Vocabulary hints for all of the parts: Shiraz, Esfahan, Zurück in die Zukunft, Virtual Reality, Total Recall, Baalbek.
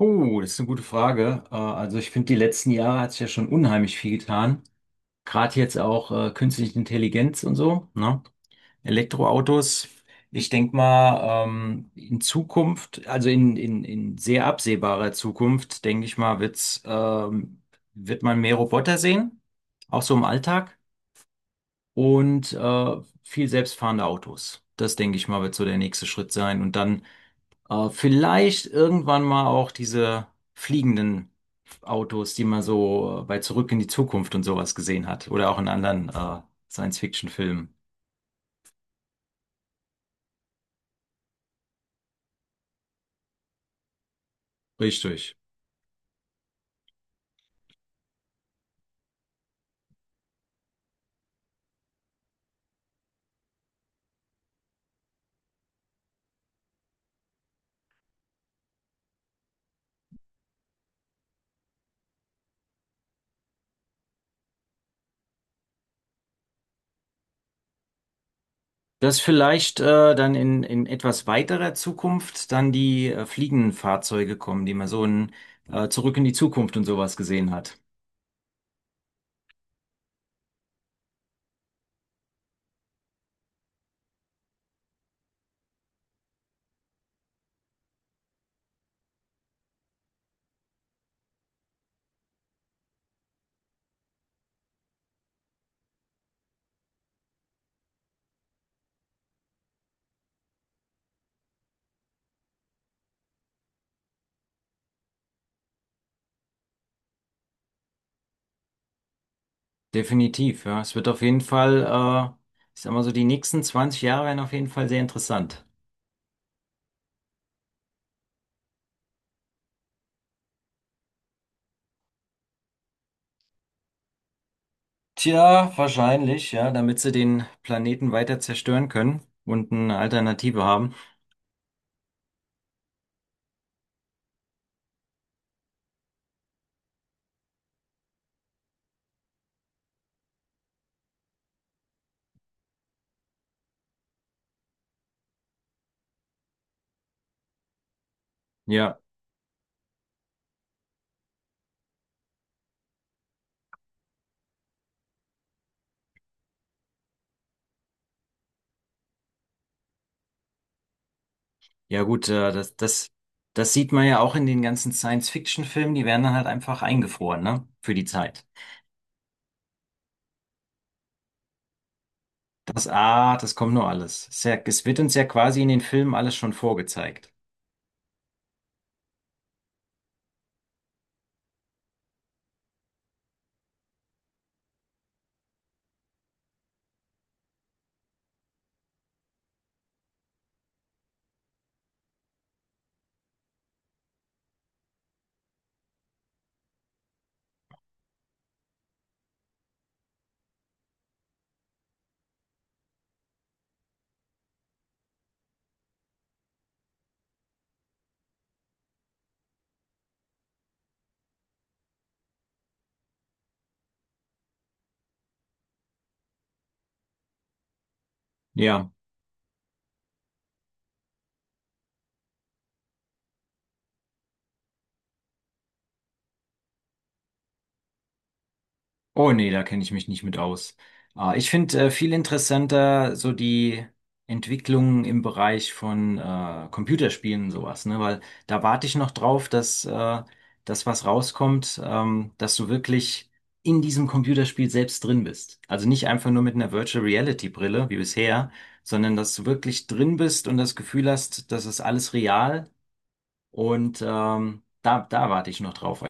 Oh, das ist eine gute Frage. Also ich finde, die letzten Jahre hat sich ja schon unheimlich viel getan. Gerade jetzt auch künstliche Intelligenz und so, ne? Elektroautos. Ich denke mal, in Zukunft, also in sehr absehbarer Zukunft, denke ich mal, wird man mehr Roboter sehen, auch so im Alltag, und viel selbstfahrende Autos. Das denke ich mal, wird so der nächste Schritt sein. Und dann vielleicht irgendwann mal auch diese fliegenden Autos, die man so bei Zurück in die Zukunft und sowas gesehen hat. Oder auch in anderen Science-Fiction-Filmen. Richtig. Dass vielleicht dann in etwas weiterer Zukunft dann die fliegenden Fahrzeuge kommen, die man so in Zurück in die Zukunft und sowas gesehen hat. Definitiv, ja. Es wird auf jeden Fall, äh, ich sag mal so, die nächsten 20 Jahre werden auf jeden Fall sehr interessant. Tja, wahrscheinlich, ja, damit sie den Planeten weiter zerstören können und eine Alternative haben. Ja, ja gut, das sieht man ja auch in den ganzen Science-Fiction-Filmen, die werden dann halt einfach eingefroren, ne, für die Zeit. Das, ah, das kommt nur alles. Es ist ja- es wird uns ja quasi in den Filmen alles schon vorgezeigt. Ja. Oh nee, da kenne ich mich nicht mit aus. Ah, ich finde viel interessanter so die Entwicklungen im Bereich von Computerspielen und sowas, ne? Weil da warte ich noch drauf, dass das was rauskommt, dass du wirklich in diesem Computerspiel selbst drin bist. Also nicht einfach nur mit einer Virtual Reality Brille wie bisher, sondern dass du wirklich drin bist und das Gefühl hast, das ist alles real. Und da warte ich noch drauf.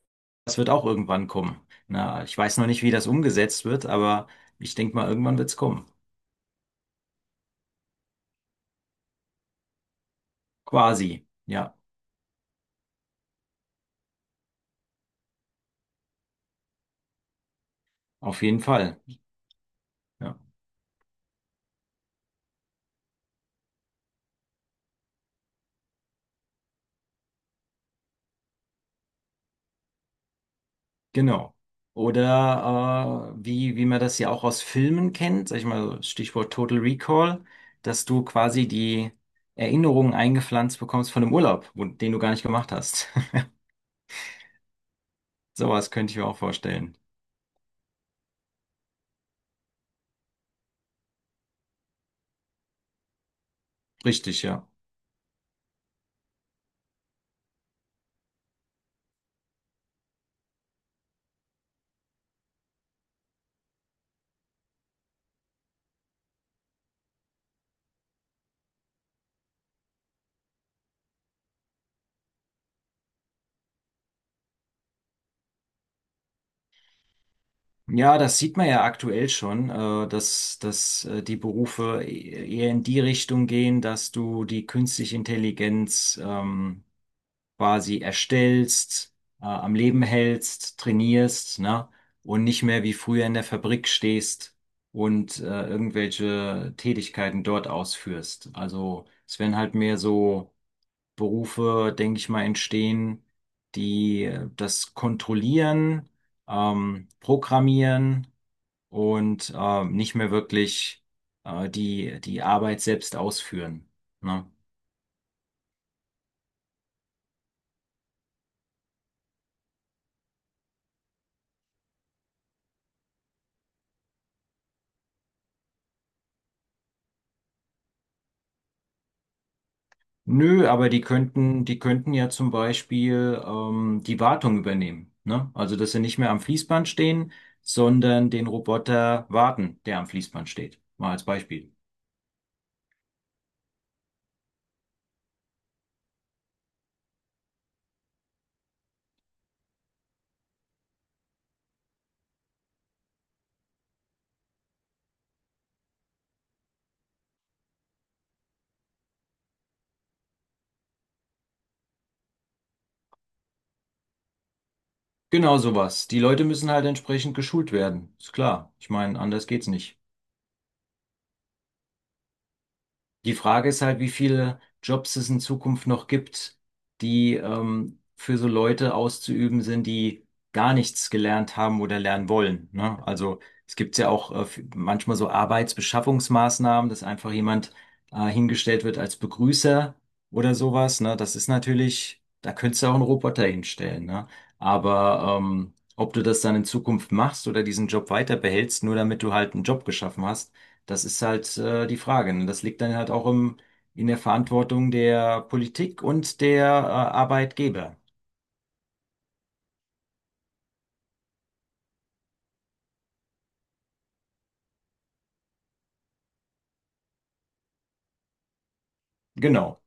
Das wird auch irgendwann kommen. Na, ich weiß noch nicht, wie das umgesetzt wird, aber ich denke mal, irgendwann wird es kommen. Quasi. Ja, auf jeden Fall. Ja, genau. Oder wie man das ja auch aus Filmen kennt, sag ich mal, Stichwort Total Recall, dass du quasi die Erinnerungen eingepflanzt bekommst von einem Urlaub, wo- den du gar nicht gemacht hast. Sowas könnte ich mir auch vorstellen. Richtig, ja. Ja, das sieht man ja aktuell schon, dass die Berufe e- eher in die Richtung gehen, dass du die künstliche Intelligenz quasi erstellst, am Leben hältst, trainierst, ne? Und nicht mehr wie früher in der Fabrik stehst und irgendwelche Tätigkeiten dort ausführst. Also es werden halt mehr so Berufe, denke ich mal, entstehen, die das kontrollieren, programmieren und nicht mehr wirklich die Arbeit selbst ausführen. Ne? Nö, aber die könnten ja zum Beispiel die Wartung übernehmen. Ne? Also, dass sie nicht mehr am Fließband stehen, sondern den Roboter warten, der am Fließband steht. Mal als Beispiel. Genau sowas. Die Leute müssen halt entsprechend geschult werden. Ist klar. Ich meine, anders geht's nicht. Die Frage ist halt, wie viele Jobs es in Zukunft noch gibt, die für so Leute auszuüben sind, die gar nichts gelernt haben oder lernen wollen. Ne? Also es gibt ja auch f- manchmal so Arbeitsbeschaffungsmaßnahmen, dass einfach jemand hingestellt wird als Begrüßer oder sowas. Ne? Das ist natürlich, da könntest du auch einen Roboter hinstellen. Ne? Aber ob du das dann in Zukunft machst oder diesen Job weiter behältst, nur damit du halt einen Job geschaffen hast, das ist halt die Frage. Ne? Das liegt dann halt auch in der Verantwortung der Politik und der Arbeitgeber. Genau,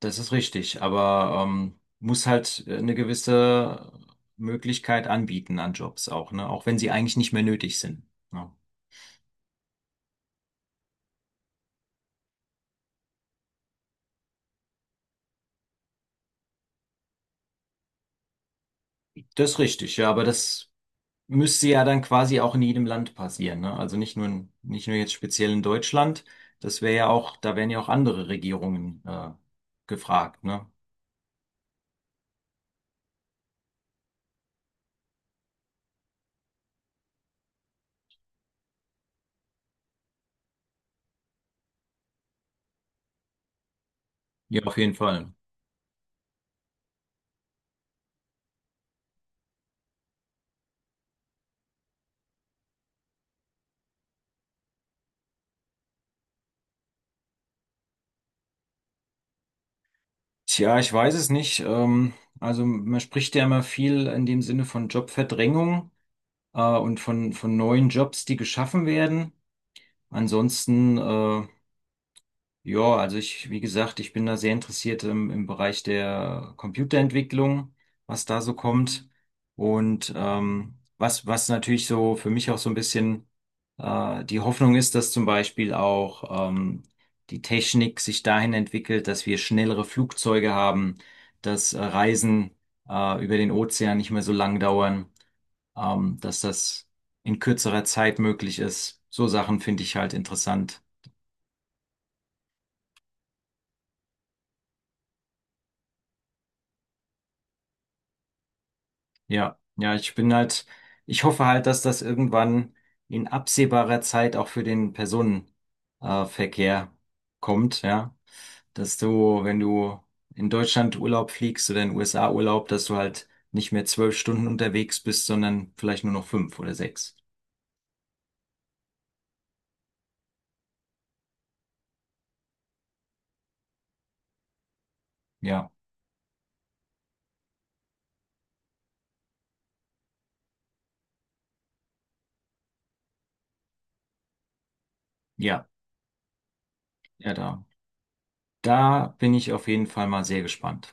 das ist richtig. Aber muss halt eine gewisse Möglichkeit anbieten an Jobs auch, ne? Auch wenn sie eigentlich nicht mehr nötig sind. Ja. Das ist richtig, ja, aber das müsste ja dann quasi auch in jedem Land passieren, ne? Also nicht nicht nur jetzt speziell in Deutschland. Das wäre ja auch, da wären ja auch andere Regierungen gefragt, ne? Ja, auf jeden Fall. Tja, ich weiß es nicht. Also man spricht ja immer viel in dem Sinne von Jobverdrängung von neuen Jobs, die geschaffen werden. Ansonsten ja, also wie gesagt, ich bin da sehr interessiert im Bereich der Computerentwicklung, was da so kommt. Und was natürlich so für mich auch so ein bisschen die Hoffnung ist, dass zum Beispiel auch die Technik sich dahin entwickelt, dass wir schnellere Flugzeuge haben, dass Reisen über den Ozean nicht mehr so lang dauern, dass das in kürzerer Zeit möglich ist. So Sachen finde ich halt interessant. Ja, ja, ich bin halt, ich hoffe halt, dass das irgendwann in absehbarer Zeit auch für den Personenverkehr Verkehr kommt, ja. Dass du, wenn du in Deutschland Urlaub fliegst oder in den USA Urlaub, dass du halt nicht mehr 12 Stunden unterwegs bist, sondern vielleicht nur noch fünf oder sechs. Ja, ja, ja, da. Da bin ich auf jeden Fall mal sehr gespannt.